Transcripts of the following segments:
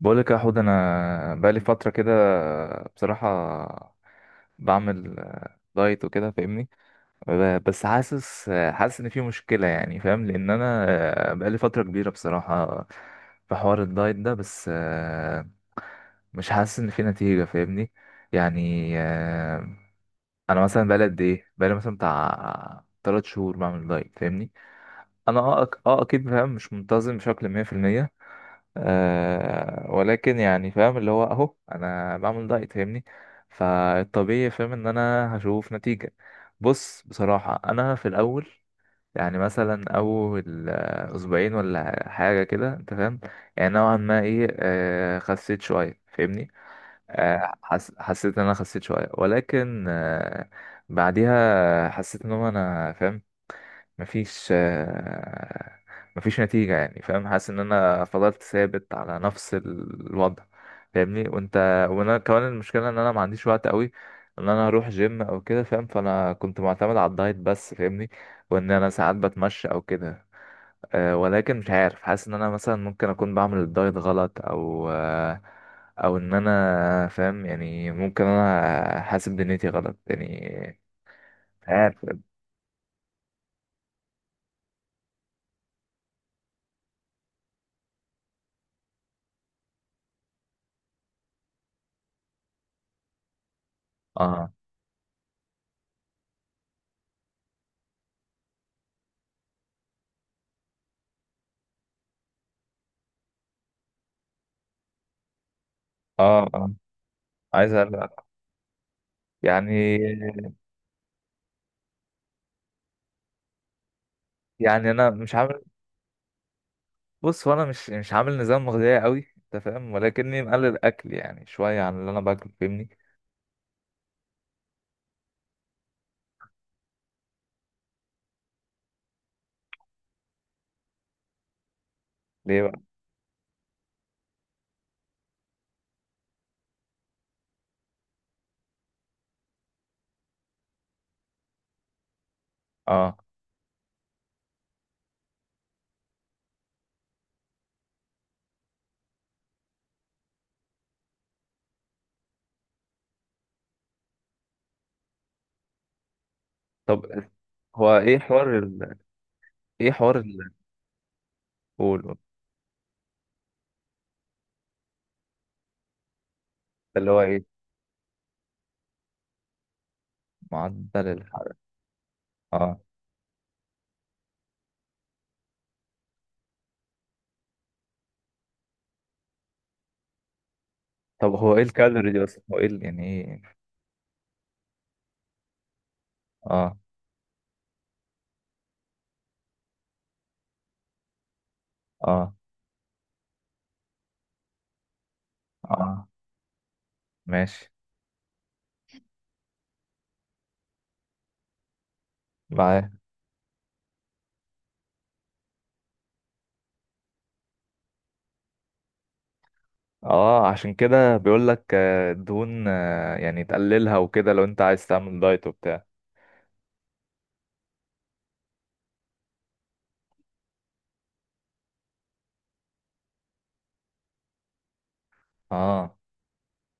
بقولك يا حود، انا بقالي فتره كده بصراحه، بعمل دايت وكده فاهمني. بس حاسس حاسس ان في مشكله يعني، فاهم، لان انا بقالي فتره كبيره بصراحه في حوار الدايت ده، بس مش حاسس ان في نتيجه فاهمني. يعني انا مثلا بقالي قد ايه، بقالي مثلا بتاع 3 شهور بعمل دايت فاهمني. انا اكيد فاهم، مش منتظم بشكل 100%. ولكن يعني فاهم، اللي هو اهو انا بعمل دايت فاهمني، فالطبيعي فاهم ان انا هشوف نتيجة. بص بصراحة، انا في الاول يعني مثلا اول اسبوعين ولا حاجة كده، انت فاهم، يعني نوعا ما ايه، خسيت شوية فاهمني. حسيت ان انا خسيت شويه، ولكن بعديها حسيت ان هو انا فاهم، مفيش مفيش نتيجه يعني، فاهم، حاسس ان انا فضلت ثابت على نفس الوضع فاهمني. وانت، وانا كمان المشكله ان انا ما عنديش وقت قوي ان انا اروح جيم او كده فاهم، فانا كنت معتمد على الدايت بس فاهمني، وان انا ساعات بتمشى او كده. أه، ولكن مش عارف، حاسس ان انا مثلا ممكن اكون بعمل الدايت غلط، او ان انا فاهم، يعني ممكن انا حاسب دنيتي غلط يعني. مش عارف. اه اه اه، عايز أقلق. يعني، يعني انا مش عامل. بص، هو انا مش عامل نظام غذائي قوي انت فاهم، ولكني مقلل اكل يعني شويه عن اللي انا باكله فاهمني. ليه بقى؟ اه. طب هو ايه حوار ال...؟ ايه حوار ال...؟ قول قول. اللي هو ايه؟ معدل الحرق؟ اه. طب هو ايه الكالوري دي اصلا؟ هو ايه ال- يعني ايه؟ اه. اه. اه ماشي. معاه. اه، عشان كده بيقول لك دهون يعني تقللها وكده لو انت عايز تعمل دايت وبتاع. اه،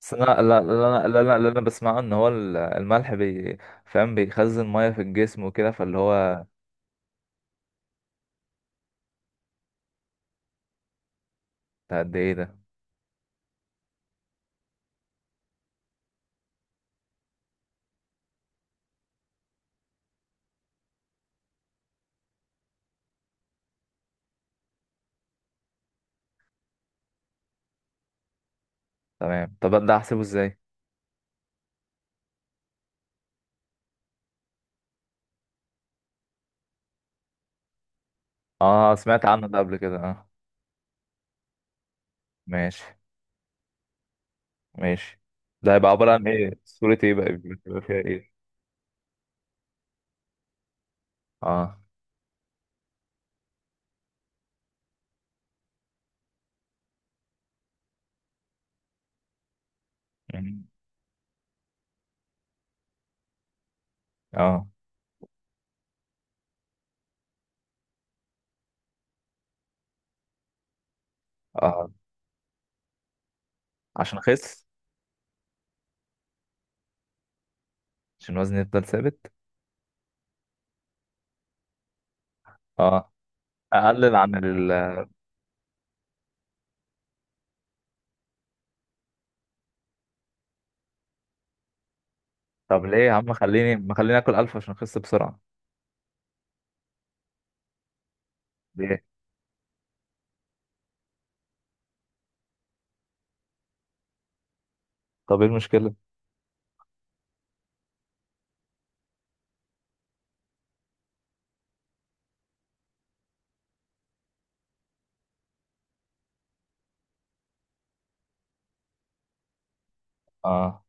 بس انا، لا لا لا لا لا لا، انا بسمعه ان هو الملح بي، فاهم، بيخزن ميه في الجسم وكده، فاللي هو. ده قد ايه ده؟ تمام. طب ده احسبه ازاي؟ اه، سمعت عنه ده قبل كده، اه. ماشي. ماشي. ده هيبقى عبارة عن ايه؟ صورة ايه بقى بيبقى فيها ايه؟ اه. مم. اه اه، عشان اخس. عشان وزني يفضل ثابت. اه. اقلل عن ال. طب ليه يا عم؟ خليني، ما خليني اكل الف عشان اخس بسرعه. ليه؟ طب ايه المشكله؟ اه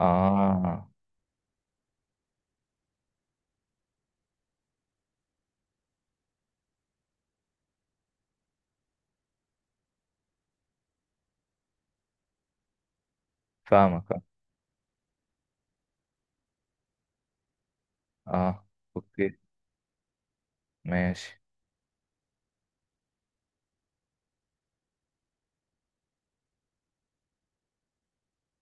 اه فاهمك، اه، آه. اوكي، ماشي.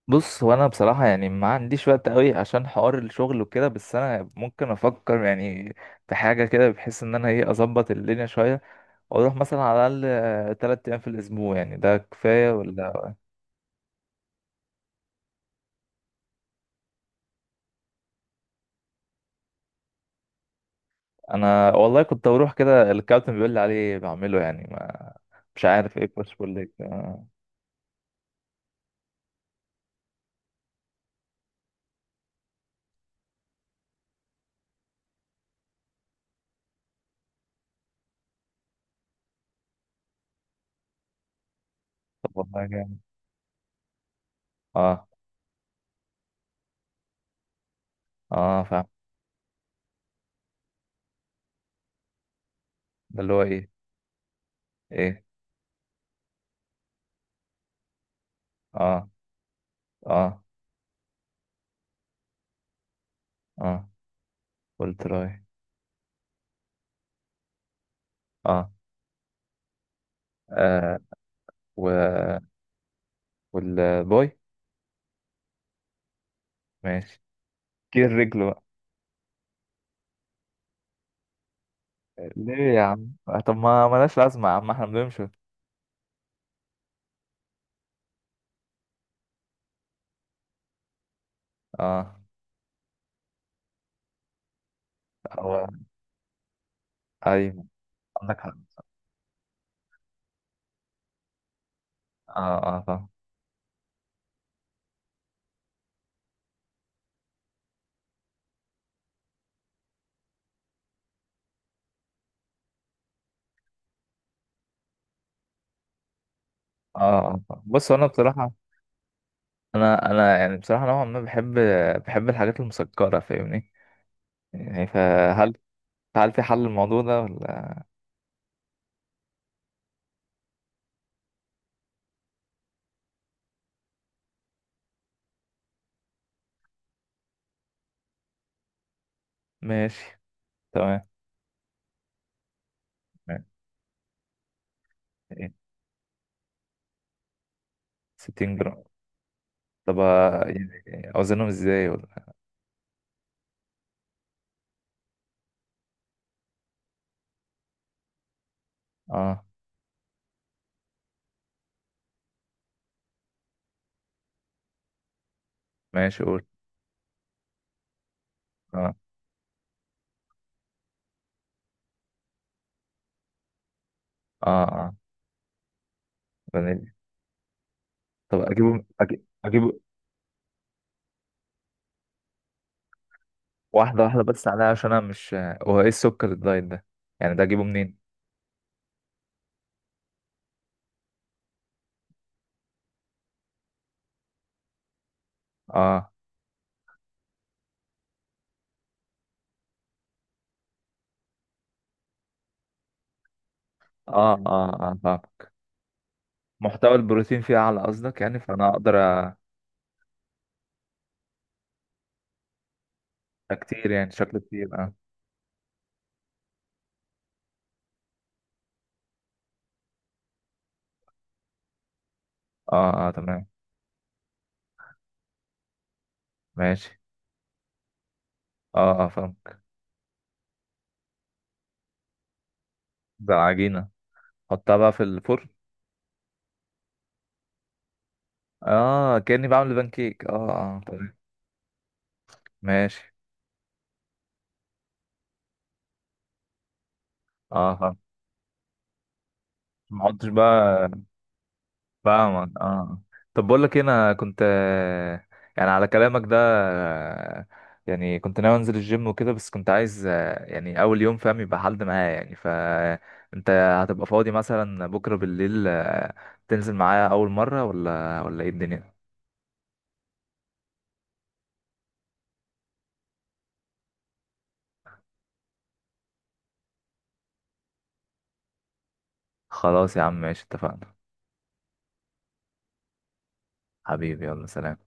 بص هو انا بصراحه يعني ما عنديش وقت قوي عشان حوار الشغل وكده، بس انا ممكن افكر يعني في حاجه كده، بحيث ان انا ايه اظبط الدنيا شويه واروح مثلا على الاقل ثلاث ايام في الاسبوع، يعني ده كفايه ولا؟ انا والله كنت بروح كده، الكابتن بيقول لي عليه بعمله يعني، ما مش عارف ايه، كوتش، بقول لك. طب والله جامد. اه اه فاهم. ده اللي هو ايه؟ ايه؟ اه. اه. اه. قلت له ايه؟ اه. آه، و. والبوي. ماشي. كير رجله بقى. ليه يا عم؟ طب ما ملهاش لازمة يا عم، احنا بنمشي. اه. هو. ايوه. عندك حق. اه اه فاهم. اه اه فاهم. بص انا بصراحة، انا انا يعني بصراحة نوعا ما بحب، بحب الحاجات المسكرة فاهمني، يعني فهل، هل في حل للموضوع ده ولا؟ ماشي. تمام. ماشي. 60 جرام. طب يعني اوزنهم ازاي ولا؟ اه. ماشي، قول. اه اه اه. فانيليا. طب اجيبه اجيبه. واحدة واحدة بس عليها عشان انا مش. هو ايه السكر الدايت ده يعني، ده اجيبه منين؟ اه اه اه اه، فاهمك. محتوى البروتين فيه اعلى قصدك يعني، فانا اقدر. كتير يعني، شكله كتير، اه. اه اه تمام. ماشي. اه اه فاهمك. ده العجينة، حطها بقى في الفرن. اه، كأني بعمل بانكيك، اه اه تمام. ماشي اه فاهم. ما حطش بقى. فاهمك اه، آه. طب بقول لك إيه، انا كنت يعني على كلامك ده يعني كنت ناوي انزل الجيم وكده، بس كنت عايز يعني اول يوم فاهم يبقى حد معايا يعني، فانت هتبقى فاضي مثلا بكرة بالليل؟ تنزل معايا اول مرة ولا، ولا ايه الدنيا؟ خلاص يا عم، ماشي، اتفقنا. حبيبي يلا سلام.